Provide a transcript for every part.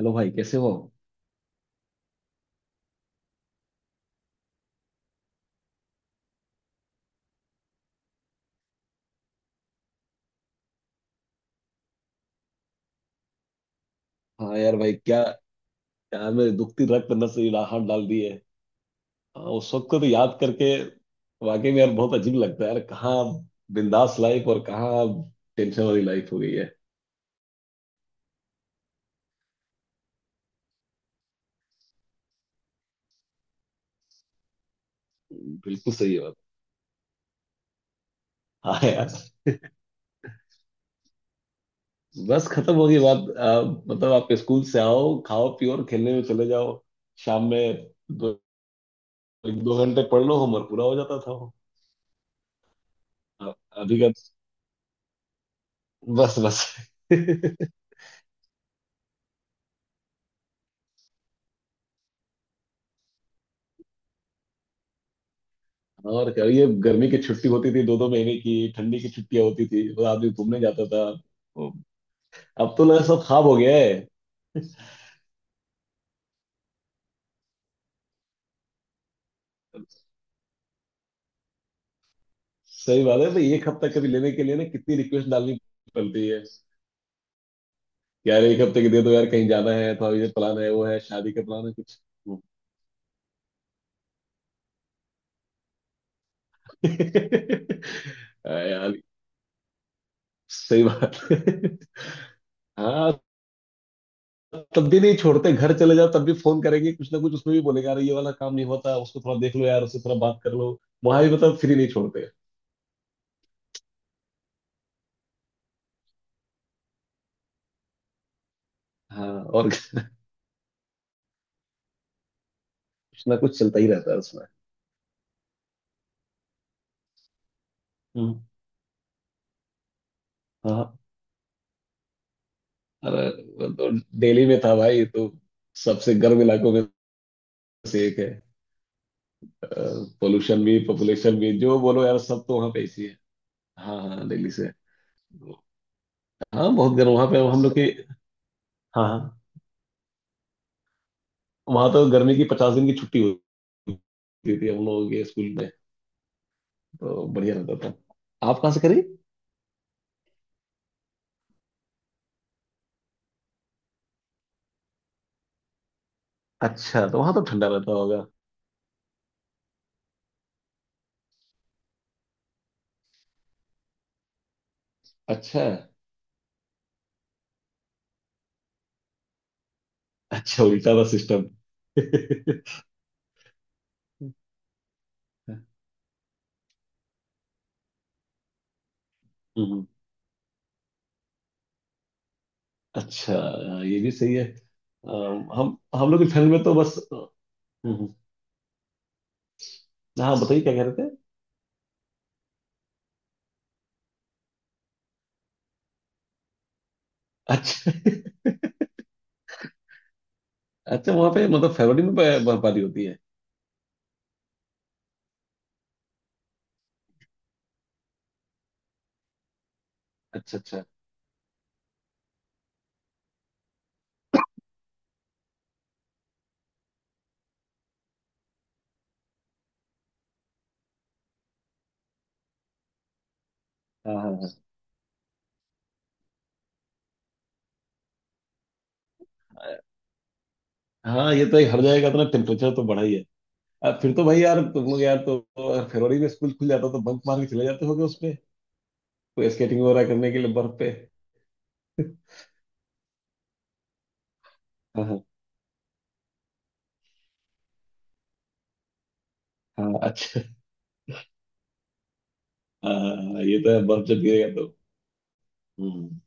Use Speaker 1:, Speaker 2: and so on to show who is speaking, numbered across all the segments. Speaker 1: Hello भाई, कैसे हो। हाँ यार, भाई क्या यार, मेरे दुखती रग पे नस हाथ डाल दी है। हाँ, उस वक्त को तो याद करके वाकई में यार बहुत अजीब लगता है यार। कहाँ बिंदास लाइफ और कहाँ टेंशन वाली लाइफ हो गई है। बिल्कुल सही बात। हाँ यार, बस खत्म हो गई बात। मतलब आप स्कूल से आओ, खाओ पियो और खेलने में चले जाओ। शाम में दो दो घंटे पढ़ लो, होमवर्क पूरा हो जाता था वो। अब- अभी का। बस बस। और क्या, ये गर्मी की छुट्टी होती थी दो दो महीने की, ठंडी की छुट्टियां होती थी और आदमी घूमने जाता था। वो- अब तो लगा सब खाब हो गया है। सही बात है भाई, एक हफ्ता कभी लेने के लिए ना कितनी रिक्वेस्ट डालनी पड़ती है। यार एक हफ्ते की दे दो यार, कहीं जाना है थोड़ा, ये प्लान है वो है शादी का प्लान है कुछ। हाँ यार, सही बात है। हाँ, तब भी नहीं छोड़ते। घर चले जाओ तब भी फोन करेंगे। कुछ ना कुछ उसमें भी बोलेगा, अरे ये वाला काम नहीं होता, उसको थोड़ा देख लो यार, उससे थोड़ा बात कर लो। वहां भी मतलब फ्री नहीं छोड़ते। हाँ, और कुछ ना कुछ चलता ही रहता है उसमें। हम्म, हाँ, अरे वो तो दिल्ली में था भाई, तो सबसे गर्म इलाकों में से एक है। पोल्यूशन भी, पॉपुलेशन भी, जो बोलो यार, सब तो वहाँ पे ऐसी है। हाँ हाँ, दिल्ली से। हाँ, बहुत गर्म वहाँ पे हम लोग की। हाँ हाँ, वहाँ तो गर्मी की 50 दिन की छुट्टी होती थी हम लोगों के स्कूल में। तो बढ़िया रहता था। आप कहाँ से करी? अच्छा, तो वहाँ तो ठंडा रहता होगा। अच्छा अच्छा, उल्टा था सिस्टम। हम्म। अच्छा। हाँ, ये भी सही है। अ, हम लोग की ठंड में तो बस। हम्म। हाँ, बताइए क्या कह रहे थे। अच्छा। अच्छा, वहाँ पे मतलब फरवरी में बर्फबारी होती है? अच्छा अच्छा। हाँ हाँ हाँ हाँ, ये तो एक हर जगह का तो ना, टेम्परेचर तो बढ़ा ही है। अब फिर तो भाई यार, तुम लोग यार, तो अगर फरवरी में स्कूल खुल जाता तो बंक मार के चले जाते होगे उसमें। कोई स्केटिंग वगैरह करने के लिए बर्फ पे। हाँ हाँ हाँ, अच्छा। हाँ हाँ, ये तो है, बर्फ जब गिरेगा तो। हम्म।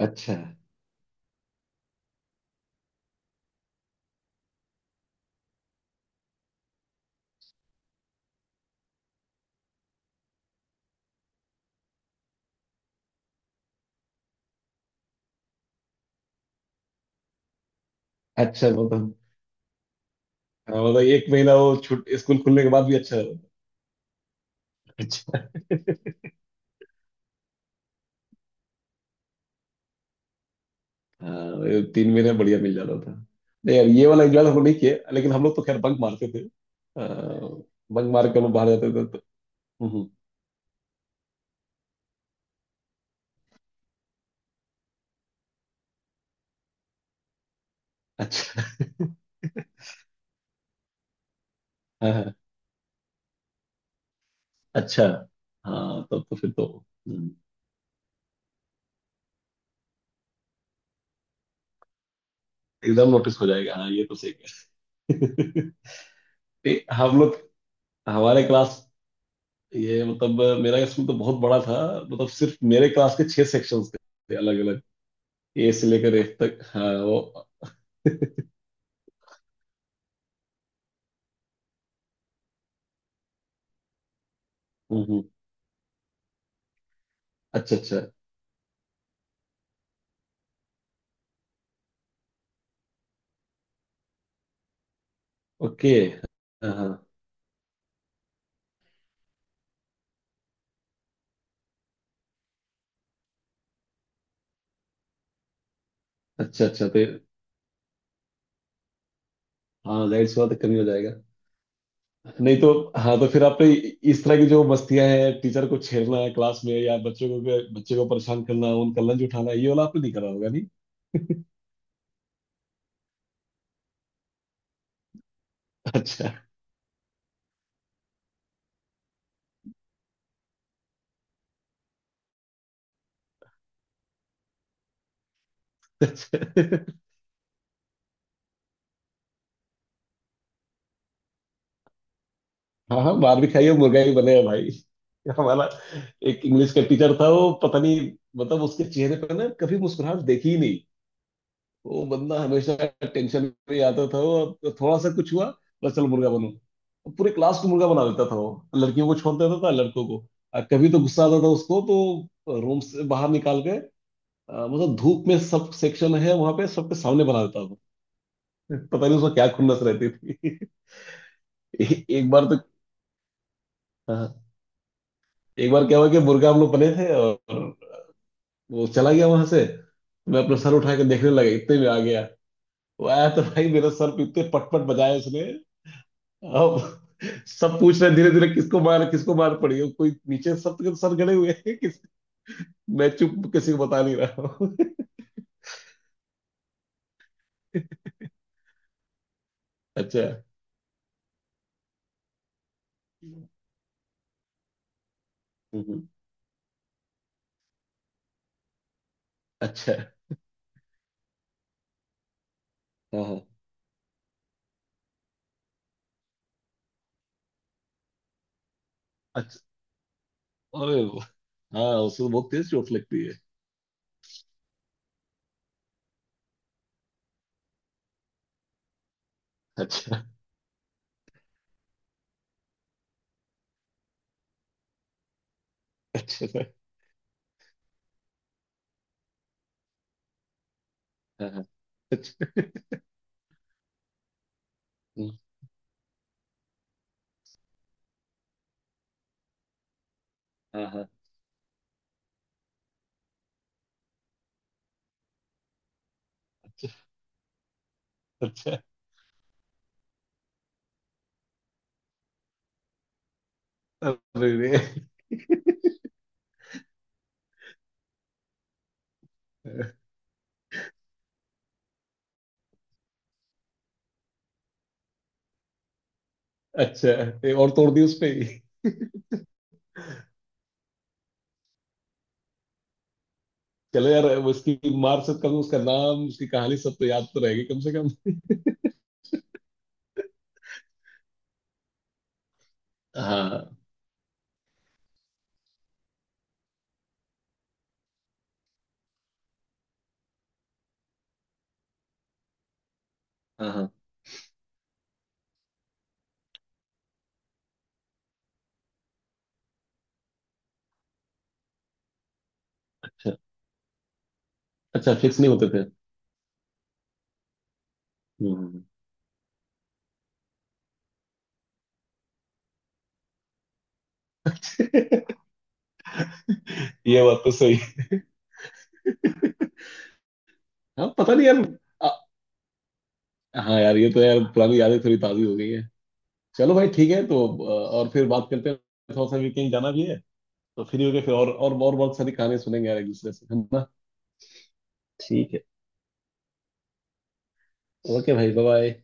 Speaker 1: अच्छा अच्छा, मतलब हाँ, मतलब एक महीना वो छुट स्कूल खुलने के बाद भी, अच्छा है। हाँ, ये 3 महीने में बढ़िया मिल जाता था। नहीं यार, ये वाला एंजॉय हमने नहीं किया, लेकिन हम लोग तो खैर बंक मारते थे। बंक मार के हम लोग बाहर जाते थे तो। हम्म, हम्म। अच्छा। हाँ, हाँ, अच्छा। हाँ, तब तो फिर तो हम्म, एकदम नोटिस हो जाएगा। हाँ, ये तो सही है। नहीं, हम लोग हमारे क्लास, ये मतलब मेरा स्कूल तो बहुत बड़ा था। मतलब सिर्फ मेरे क्लास के 6 सेक्शंस थे अलग अलग। ए से लेकर एफ तक। हाँ वो। हम्म। अच्छा अच्छा। ओके। हाँ हाँ, अच्छा। अच्छा तो हाँ, जाहिर सी बात है, कमी हो जाएगा। नहीं तो, हाँ तो फिर आपने इस तरह की जो मस्तियां हैं, टीचर को छेड़ना है क्लास में या बच्चों को बच्चे को परेशान करना, उनका लंच उठाना, ये वाला आपने नहीं करा होगा नहीं? अच्छा अच्छा। हाँ हाँ, मार भी खाई है मुर्गा भी बने हैं भाई। हमारा एक इंग्लिश का टीचर था, वो पता नहीं, मतलब उसके चेहरे पर ना कभी मुस्कुराहट देखी ही। वो बंदा हमेशा टेंशन में ही आता था वो। अब थोड़ा सा कुछ हुआ, बस चलो मुर्गा बनो। अब पूरे क्लास को मुर्गा बना देता था वो। लड़कियों को छोड़ देता था, लड़कों को। और कभी तो गुस्सा आता था उसको, तो रूम से बाहर निकाल के मतलब धूप में, सब सेक्शन है वहां पे, सबके सामने बना देता था। पता नहीं उसमें क्या खुन्नस रहती थी। ए, एक बार तो। हाँ, एक बार क्या हुआ कि मुर्गा हम लोग बने थे और वो चला गया वहां से। मैं अपना सर उठा के देखने लगा, इतने में आ गया। वो आया तो भाई, मेरा सर पे इतने पटपट बजाए उसने। अब सब पूछ रहे धीरे धीरे, किसको मार, किसको मार पड़ी है, कोई नीचे, सब सर गड़े हुए हैं, किस। मैं चुप, किसी को बता नहीं रहा हूँ। अच्छा। हम्म, अच्छा। हाँ हाँ, अच्छा। अरे वाह, हाँ, उसको बहुत तेज चोट लगती है। अच्छा अच्छा। हाँ हाँ, अच्छा। हम्म, हाँ हाँ, अच्छा। अरे रे। अच्छा, ये और तोड़ दी उस पे ही। चलो यार, उसकी मार से कम, उसका नाम उसकी कहानी सब तो याद तो रहेगी कम से कम। हाँ हाँ हाँ, अच्छा। फिक्स नहीं होते थे? हम्म, ये बात तो सही। हाँ, पता नहीं यार। आ, हाँ यार, ये तो यार पुरानी यादें थोड़ी ताज़ी हो गई है। चलो भाई, ठीक है तो और फिर बात करते हैं। थोड़ा सा भी कहीं जाना भी है। तो फ्री होके फिर और बहुत सारी कहानी सुनेंगे यार एक दूसरे से, है ना? ठीक है, ओके भाई। Bye bye.